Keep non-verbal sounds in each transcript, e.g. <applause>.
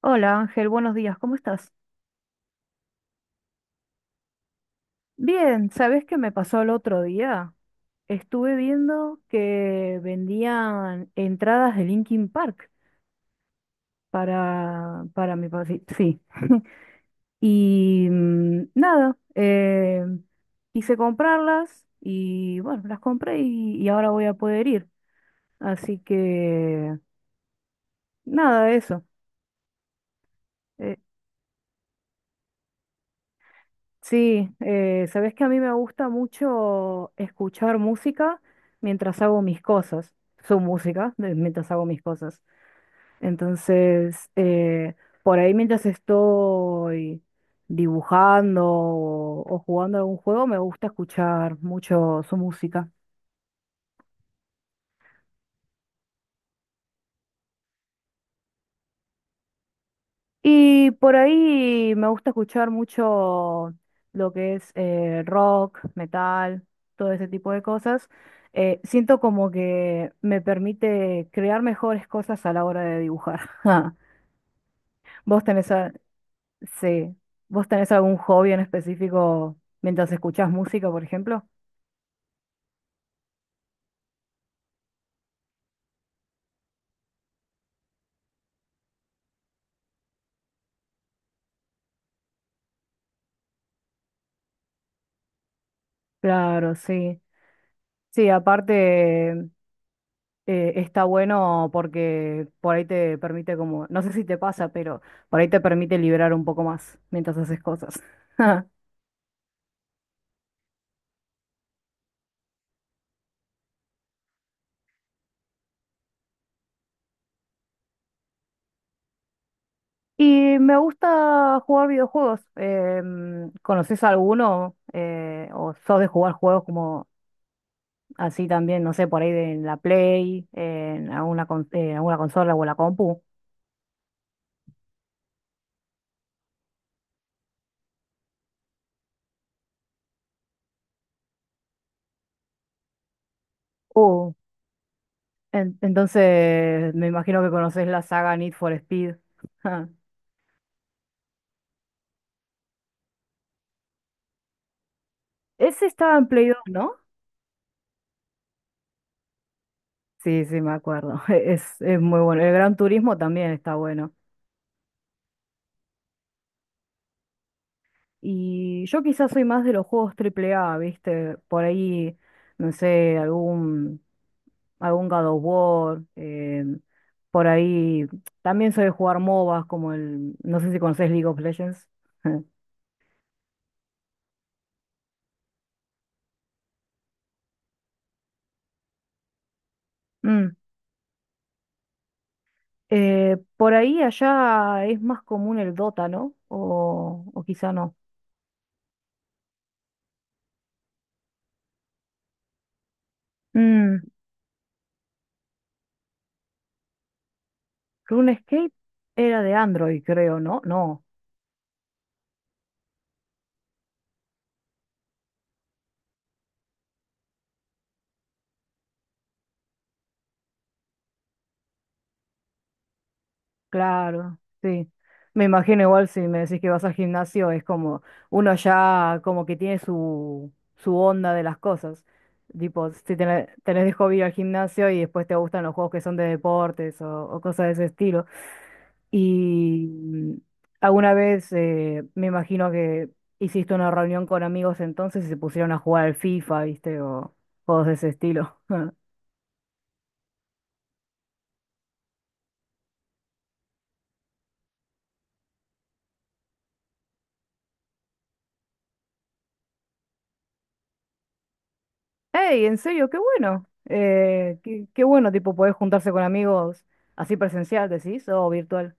Hola Ángel, buenos días, ¿cómo estás? Bien, ¿sabes qué me pasó el otro día? Estuve viendo que vendían entradas de Linkin Park para mi papá. Sí. Sí. <laughs> Y nada, quise comprarlas y bueno, las compré y ahora voy a poder ir. Así que nada, eso. Eh, Sí, sabes que a mí me gusta mucho escuchar música mientras hago mis cosas, su música, mientras hago mis cosas. Entonces, por ahí mientras estoy dibujando o jugando algún juego, me gusta escuchar mucho su música. Y por ahí me gusta escuchar mucho lo que es rock, metal, todo ese tipo de cosas. Siento como que me permite crear mejores cosas a la hora de dibujar. <laughs> ¿Vos tenés? Sí. ¿Vos tenés algún hobby en específico mientras escuchás música, por ejemplo? Claro, sí. Sí, aparte está bueno porque por ahí te permite como, no sé si te pasa, pero por ahí te permite liberar un poco más mientras haces cosas. <laughs> Y me gusta jugar videojuegos. ¿Conoces alguno? ¿O sos de jugar juegos como así también, no sé, por ahí de en la Play, en alguna, en alguna consola o en la compu? Uh, entonces me imagino que conoces la saga Need for Speed. <laughs> Ese estaba en Play 2, ¿no? Sí, sí, me acuerdo. <laughs> Es muy bueno. El Gran Turismo también está bueno. Y yo quizás soy más de los juegos triple A, ¿viste? Por ahí, no sé, algún God of War. Por ahí también soy de jugar MOBAs como el, no sé si conocés League of Legends. <laughs> Mm. Por ahí allá es más común el Dota, ¿no? O quizá no. Mm. RuneScape era de Android, creo, ¿no? No. Claro, sí. Me imagino igual si me decís que vas al gimnasio, es como uno ya como que tiene su onda de las cosas. Tipo, si tenés de hobby ir al gimnasio y después te gustan los juegos que son de deportes o cosas de ese estilo. Y mm, alguna vez me imagino que hiciste una reunión con amigos entonces y se pusieron a jugar al FIFA, ¿viste? O juegos de ese estilo. <laughs> Hey, en serio, qué bueno. Qué bueno, tipo, poder juntarse con amigos así presencial, decís, o virtual.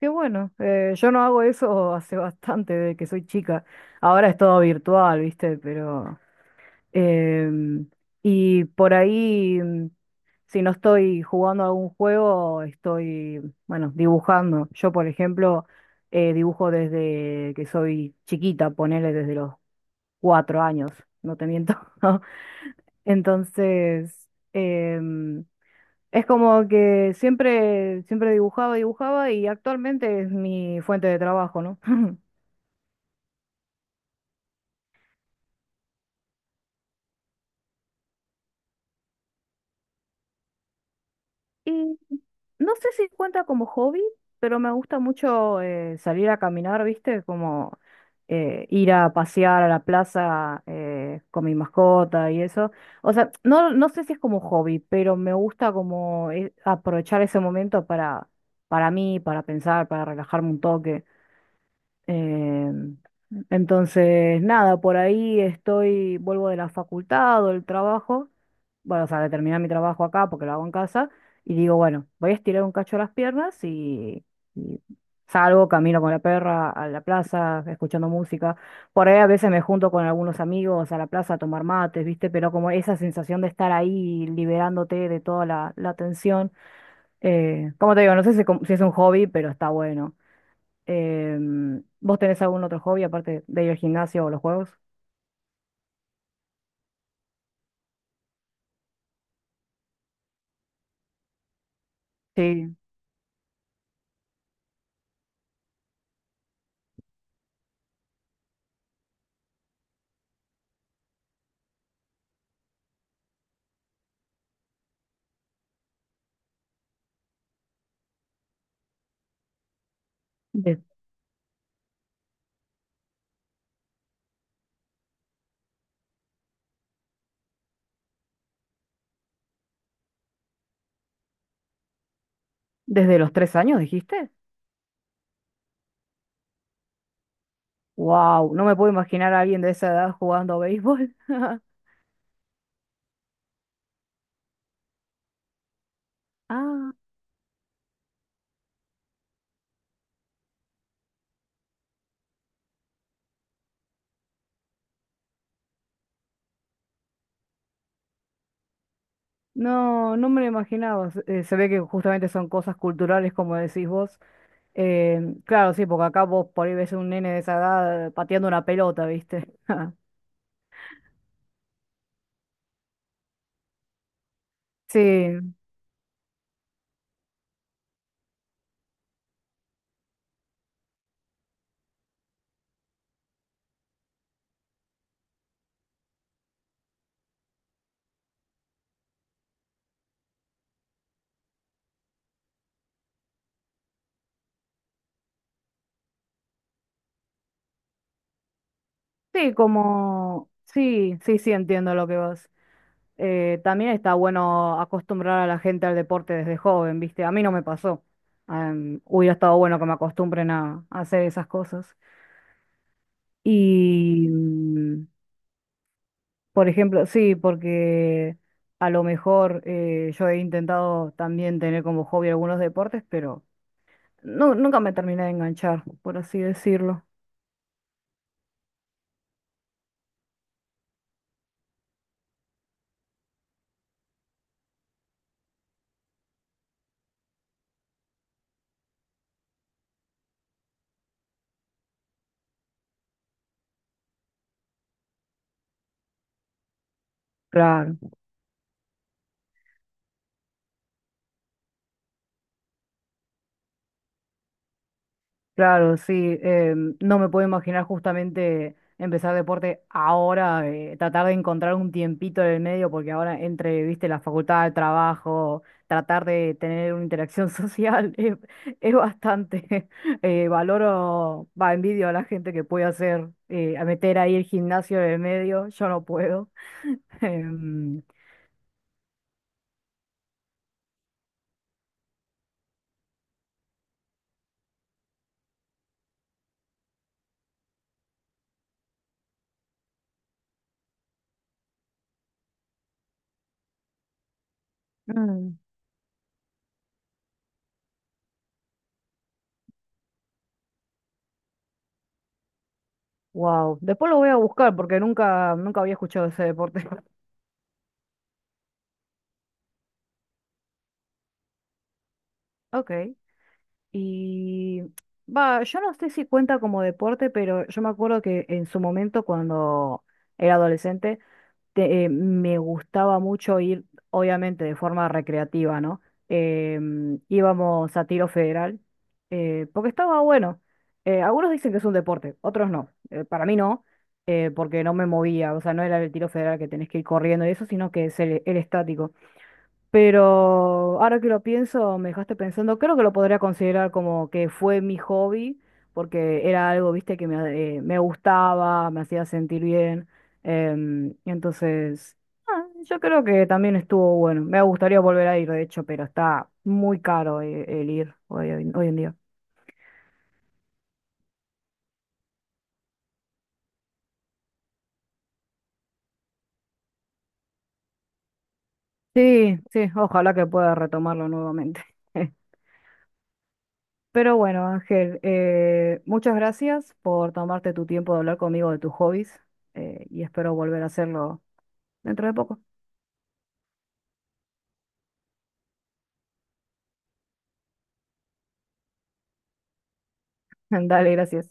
Qué bueno. Yo no hago eso <laughs> hace bastante, desde que soy chica. Ahora es todo virtual, ¿viste? Pero em, y por ahí, si no estoy jugando algún juego, estoy, bueno, dibujando. Yo, por ejemplo, dibujo desde que soy chiquita, ponele desde los 4 años, no te miento. <laughs> Entonces, es como que siempre, siempre dibujaba, dibujaba y actualmente es mi fuente de trabajo, ¿no? <laughs> Y no sé si cuenta como hobby, pero me gusta mucho salir a caminar, ¿viste? Como ir a pasear a la plaza con mi mascota y eso. O sea, no, no sé si es como hobby, pero me gusta como aprovechar ese momento para, mí, para pensar, para relajarme un toque. Eh, entonces, nada, por ahí estoy, vuelvo de la facultad o del trabajo, bueno, o sea, de terminar mi trabajo acá porque lo hago en casa, y digo, bueno, voy a estirar un cacho las piernas y salgo, camino con la perra a la plaza, escuchando música. Por ahí a veces me junto con algunos amigos a la plaza a tomar mates, ¿viste? Pero como esa sensación de estar ahí liberándote de toda la tensión, como te digo, no sé si, si es un hobby, pero está bueno. ¿Vos tenés algún otro hobby aparte de ir al gimnasio o los juegos? Sí. De- ¿Desde los 3 años dijiste? ¡Wow! No me puedo imaginar a alguien de esa edad jugando a béisbol. <laughs> Ah, no, no me lo imaginaba. Se ve que justamente son cosas culturales, como decís vos. Claro, sí, porque acá vos por ahí ves un nene de esa edad pateando una pelota, ¿viste? <laughs> Sí, sí, como... Sí, sí, sí, entiendo lo que vas. También está bueno acostumbrar a la gente al deporte desde joven, ¿viste? A mí no me pasó. Hubiera estado bueno que me acostumbren a hacer esas cosas. Y, por ejemplo, sí, porque a lo mejor yo he intentado también tener como hobby algunos deportes, pero nunca me terminé de enganchar, por así decirlo. Claro. Claro, sí, no me puedo imaginar justamente empezar deporte ahora, tratar de encontrar un tiempito en el medio, porque ahora entre, viste, la facultad, el trabajo, tratar de tener una interacción <laughs> social es bastante. <laughs> Valoro, va, envidio a la gente que puede hacer, a meter ahí el gimnasio en el medio, yo no puedo. <laughs> Em, mm, wow, después lo voy a buscar porque nunca, nunca había escuchado ese deporte. <laughs> Ok. Y va, yo no sé si cuenta como deporte, pero yo me acuerdo que en su momento cuando era adolescente me gustaba mucho ir, obviamente de forma recreativa, ¿no? Íbamos a tiro federal, porque estaba bueno. Algunos dicen que es un deporte, otros no. Para mí no, porque no me movía, o sea, no era el tiro federal que tenés que ir corriendo y eso, sino que es el estático. Pero ahora que lo pienso, me dejaste pensando, creo que lo podría considerar como que fue mi hobby, porque era algo, viste, que me gustaba, me hacía sentir bien. Y entonces, yo creo que también estuvo bueno. Me gustaría volver a ir, de hecho, pero está muy caro ir hoy en día. Sí, sí, ojalá que pueda retomarlo nuevamente. <laughs> Pero bueno, Ángel, muchas gracias por tomarte tu tiempo de hablar conmigo de tus hobbies y espero volver a hacerlo dentro de poco. <laughs> Dale, gracias.